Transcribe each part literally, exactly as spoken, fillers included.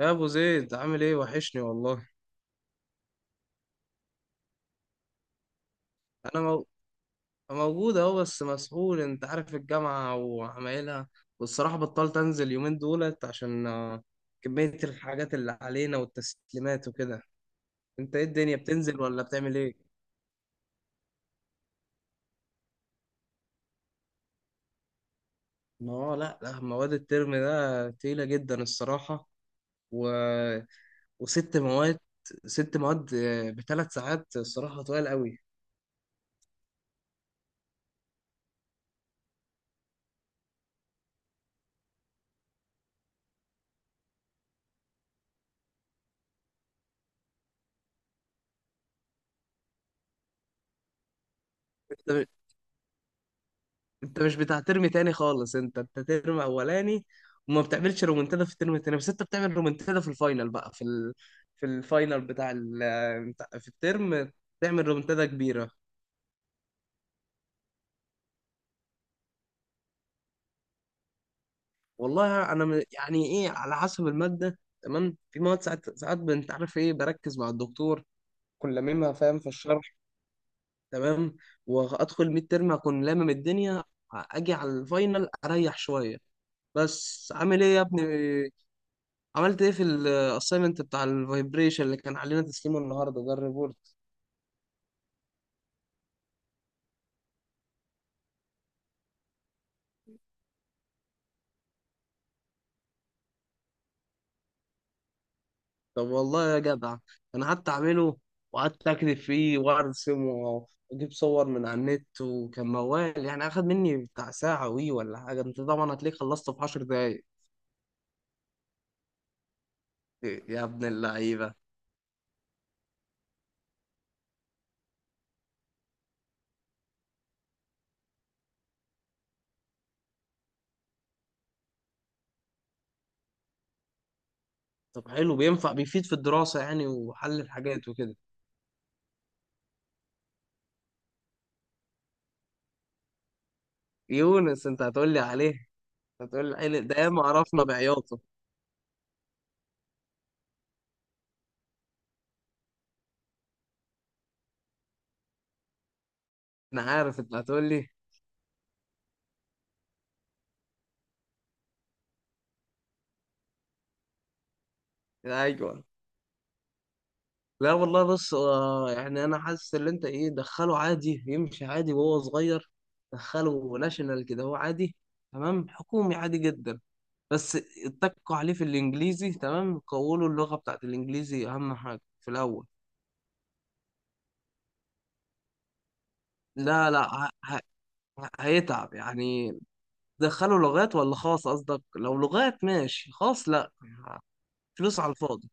يا ابو زيد، عامل ايه؟ وحشني والله. انا مو... موجود اهو، بس مسحول. انت عارف الجامعه وعمايلها. والصراحه بطلت انزل يومين دولت عشان آه، كميه الحاجات اللي علينا والتسليمات وكده. انت ايه الدنيا، بتنزل ولا بتعمل ايه؟ ما هو لا لا، مواد الترم ده تقيله جدا الصراحه. و... وست مواد، ست مواد بثلاث ساعات الصراحه طويل قوي. انت مش بتاع ترم تاني خالص، انت انت ترم اولاني وما بتعملش رومنتادا في الترم التاني، بس انت بتعمل رومنتادا في الفاينل بقى، في ال... في الفاينل بتاع ال... بتاع- في الترم تعمل رومنتادا كبيره. والله انا م- يعني ايه، على حسب الماده. تمام، في مواد ساعات ساعات انت عارف ايه، بركز مع الدكتور كل لاممها، فاهم في الشرح تمام. وادخل ميد ترم اكون لامم الدنيا، اجي على الفاينل اريح شويه. بس عامل ايه يا ابني؟ عملت ايه في الاسايمنت بتاع الفايبريشن اللي كان علينا تسليمه النهارده ده، الريبورت؟ طب والله يا جدع، انا قعدت اعمله وقعدت اكتب فيه وارسم و- واجيب صور من على النت، وكان موال يعني، اخد مني بتاع ساعه وي ولا حاجه. انت طبعا هتلاقيه خلصته في 10 دقايق. يا ابن اللعيبه! طب حلو، بينفع بيفيد في الدراسه يعني وحل الحاجات وكده؟ يونس، انت هتقول لي عليه؟ هتقول لي عليه. ده ياما عرفنا بعياطه. انا عارف انت هتقول لي. ايوه. لا والله، بص آه، يعني انا حاسس ان انت ايه، دخله عادي يمشي عادي وهو صغير. دخله ناشونال كده هو عادي، تمام، حكومي عادي جدا، بس. اتكوا عليه في الانجليزي تمام قولوا اللغة بتاعت الانجليزي اهم حاجة في الاول لا لا، ه- ه- هيتعب يعني. دخله لغات ولا خاص؟ قصدك لو لغات ماشي، خاص لا، فلوس على الفاضي.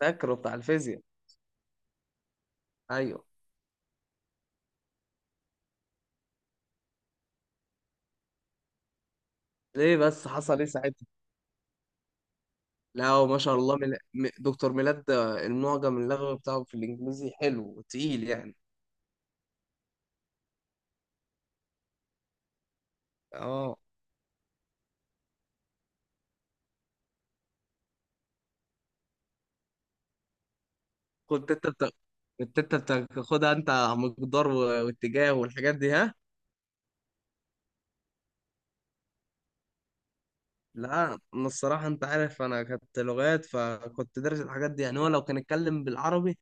فاكره بتاع الفيزياء؟ ايوه. ليه بس، حصل ايه ساعتها؟ لا وما شاء الله، مل... م- دكتور ميلاد ده المعجم اللغوي بتاعه في الانجليزي حلو وتقيل يعني. اه. كنت انت بت... كنت انت بتاخدها انت على مقدار و- واتجاه والحاجات دي، ها؟ لا، انا الصراحه، انت عارف انا كنت لغات فكنت دارس الحاجات دي يعني. هو لو كان اتكلم بالعربي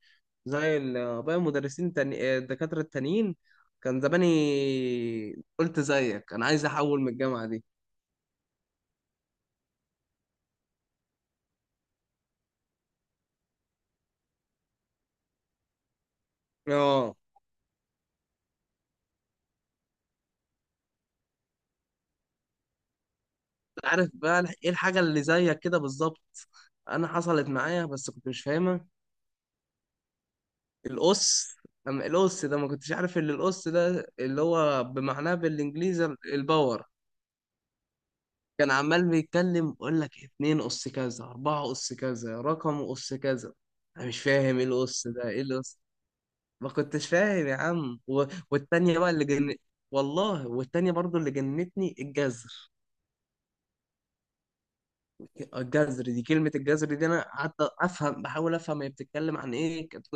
زي ال- باقي المدرسين، تاني... آه، الدكاتره التانيين، كان زماني قلت زيك، انا عايز احول من الجامعه دي. اه. عارف بقى ايه الحاجة اللي زيك كده بالظبط؟ انا حصلت معايا بس كنت مش فاهمها. القص. اما القص ده، ما كنتش عارف ان القص ده اللي هو بمعناه بالانجليزي الباور. كان عمال بيتكلم يقول لك اتنين قص كذا، اربعة قص كذا، رقم قص كذا. انا مش فاهم ايه القص ده، ايه القص. ما كنتش فاهم يا عم. و... والتانية بقى اللي جن. والله، والتانية برضو اللي جنتني، الجزر. الجذر دي، كلمة الجذر دي أنا قعدت أفهم، بحاول أفهم هي بتتكلم عن إيه. كانت،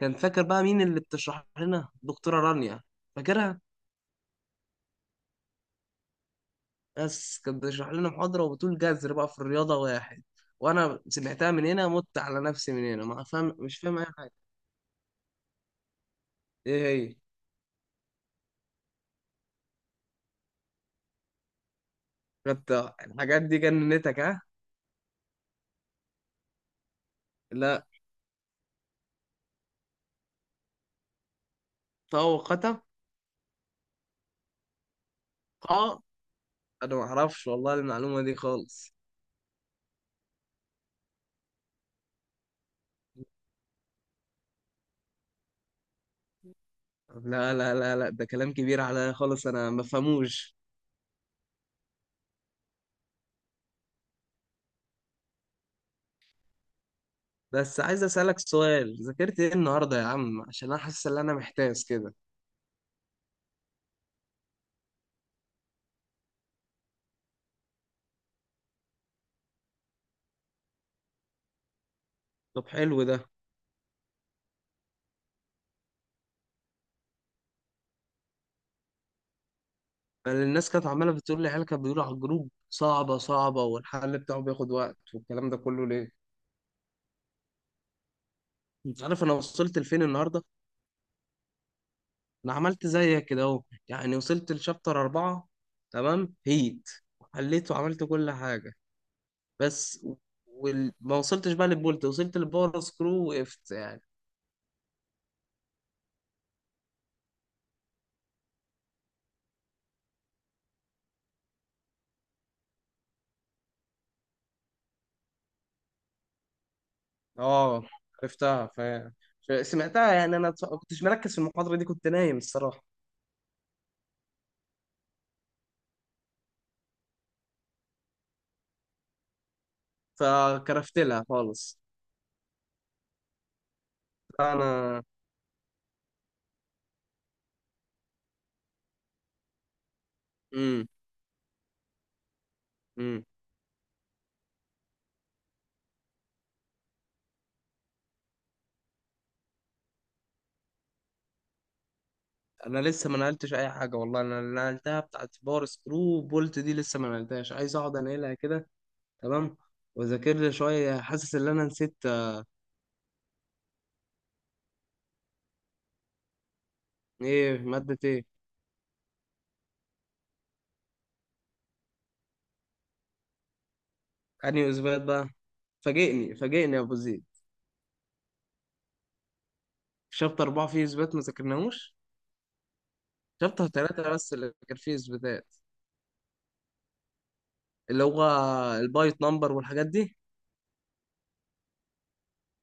كان فاكر بقى مين اللي بتشرح لنا؟ دكتورة رانيا. فاكرها؟ بس كانت بتشرح لنا محاضرة وبتقول جذر بقى في الرياضة واحد، وأنا سمعتها من هنا، مت على نفسي، من هنا ما فاهم، مش فاهم أي حاجة. إيه هي؟ كانت. الحاجات دي جننتك، ها؟ لا. طاقة. قا. أنا ما أعرفش والله المعلومة دي خالص. لا لا لا لا، ده كلام كبير عليا خالص، أنا ما بفهموش. بس عايز اسالك سؤال، ذاكرت ايه النهارده يا عم؟ عشان انا حاسس ان انا محتاس كده. طب حلو ده. أنا الناس كانت عماله بتقول لي، العيال كانت بيقولوا على الجروب صعبه صعبه والحل بتاعه بياخد وقت والكلام ده كله، ليه؟ انت عارف انا وصلت لفين النهارده؟ انا عملت زيك كده اهو، يعني وصلت لشابتر أربعة، تمام، هيت، حليت وعملت كل حاجه. بس وال... ما وصلتش بقى للبولت، وصلت للباور سكرو وقفت يعني. اه، عرفتها، ف... ف- سمعتها يعني، انا ما كنتش مركز في المحاضره دي، كنت نايم الصراحه فكرفت لها خالص. انا امم امم انا لسه ما نقلتش اي حاجه والله، انا اللي نقلتها بتاعت باور سكرو بولت دي لسه ما نقلتهاش، عايز اقعد انقلها كده تمام، واذاكر لي شويه. حاسس ان انا نسيت. آه، ايه ماده ايه؟ انهي اثبات بقى؟ فاجئني فاجئني يا ابو زيد. شابتر اربعة فيه اثبات ما ذاكرناهوش؟ شابتر تلاتة بس اللي كان فيه اثباتات، اللي هو البايت نمبر والحاجات دي،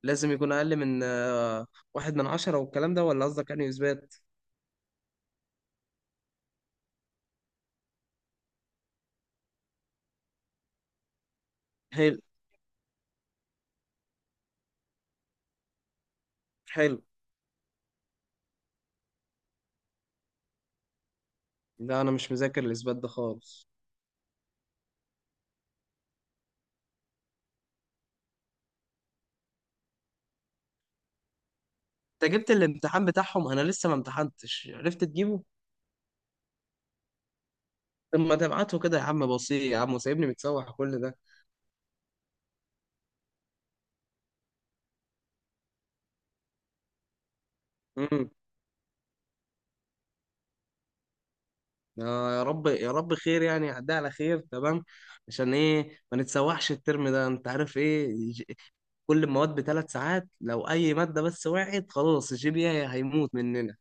لازم يكون أقل من آه، واحد من عشرة والكلام ده. ولا قصدك يعني إثبات؟ حلو. حلو. لا أنا مش مذاكر الإثبات ده خالص. أنت جبت الامتحان بتاعهم؟ أنا لسه ما امتحنتش، عرفت تجيبه؟ طب ما تبعته كده يا عم؟ بسيط يا عم، وسايبني متسوح كل ده. امم آه يا رب، يا رب خير يعني، يعدي على خير تمام. عشان ايه ما نتسوحش الترم ده؟ انت عارف ايه، ج- كل المواد بثلاث ساعات، لو اي ماده بس وقعت خلاص الجي بي اي هيموت مننا.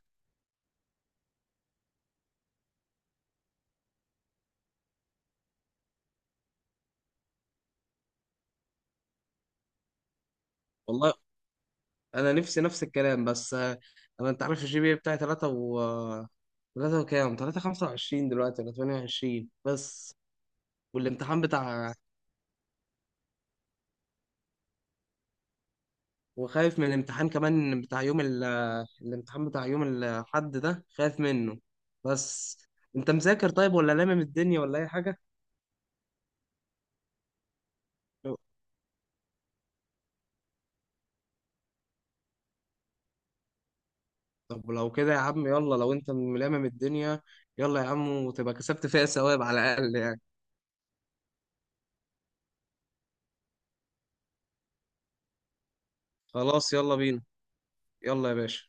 والله انا نفسي نفس الكلام، بس آه، انا، انت عارف الجي بي بتاعي ثلاثة و تلاتة وكام، تلاتة خمسه وعشرين دلوقتي ولا ثمانية وعشرون بس. والامتحان بتاع، وخايف من الامتحان كمان بتاع يوم ال... الامتحان بتاع يوم الحد ده خايف منه بس. انت مذاكر طيب ولا لامم الدنيا ولا اي حاجة؟ لو- طب لو كده يا عم يلا، لو انت ملامم الدنيا يلا يا عم، وتبقى كسبت فيها ثواب على الاقل يعني. خلاص يلا بينا. يلا يا باشا.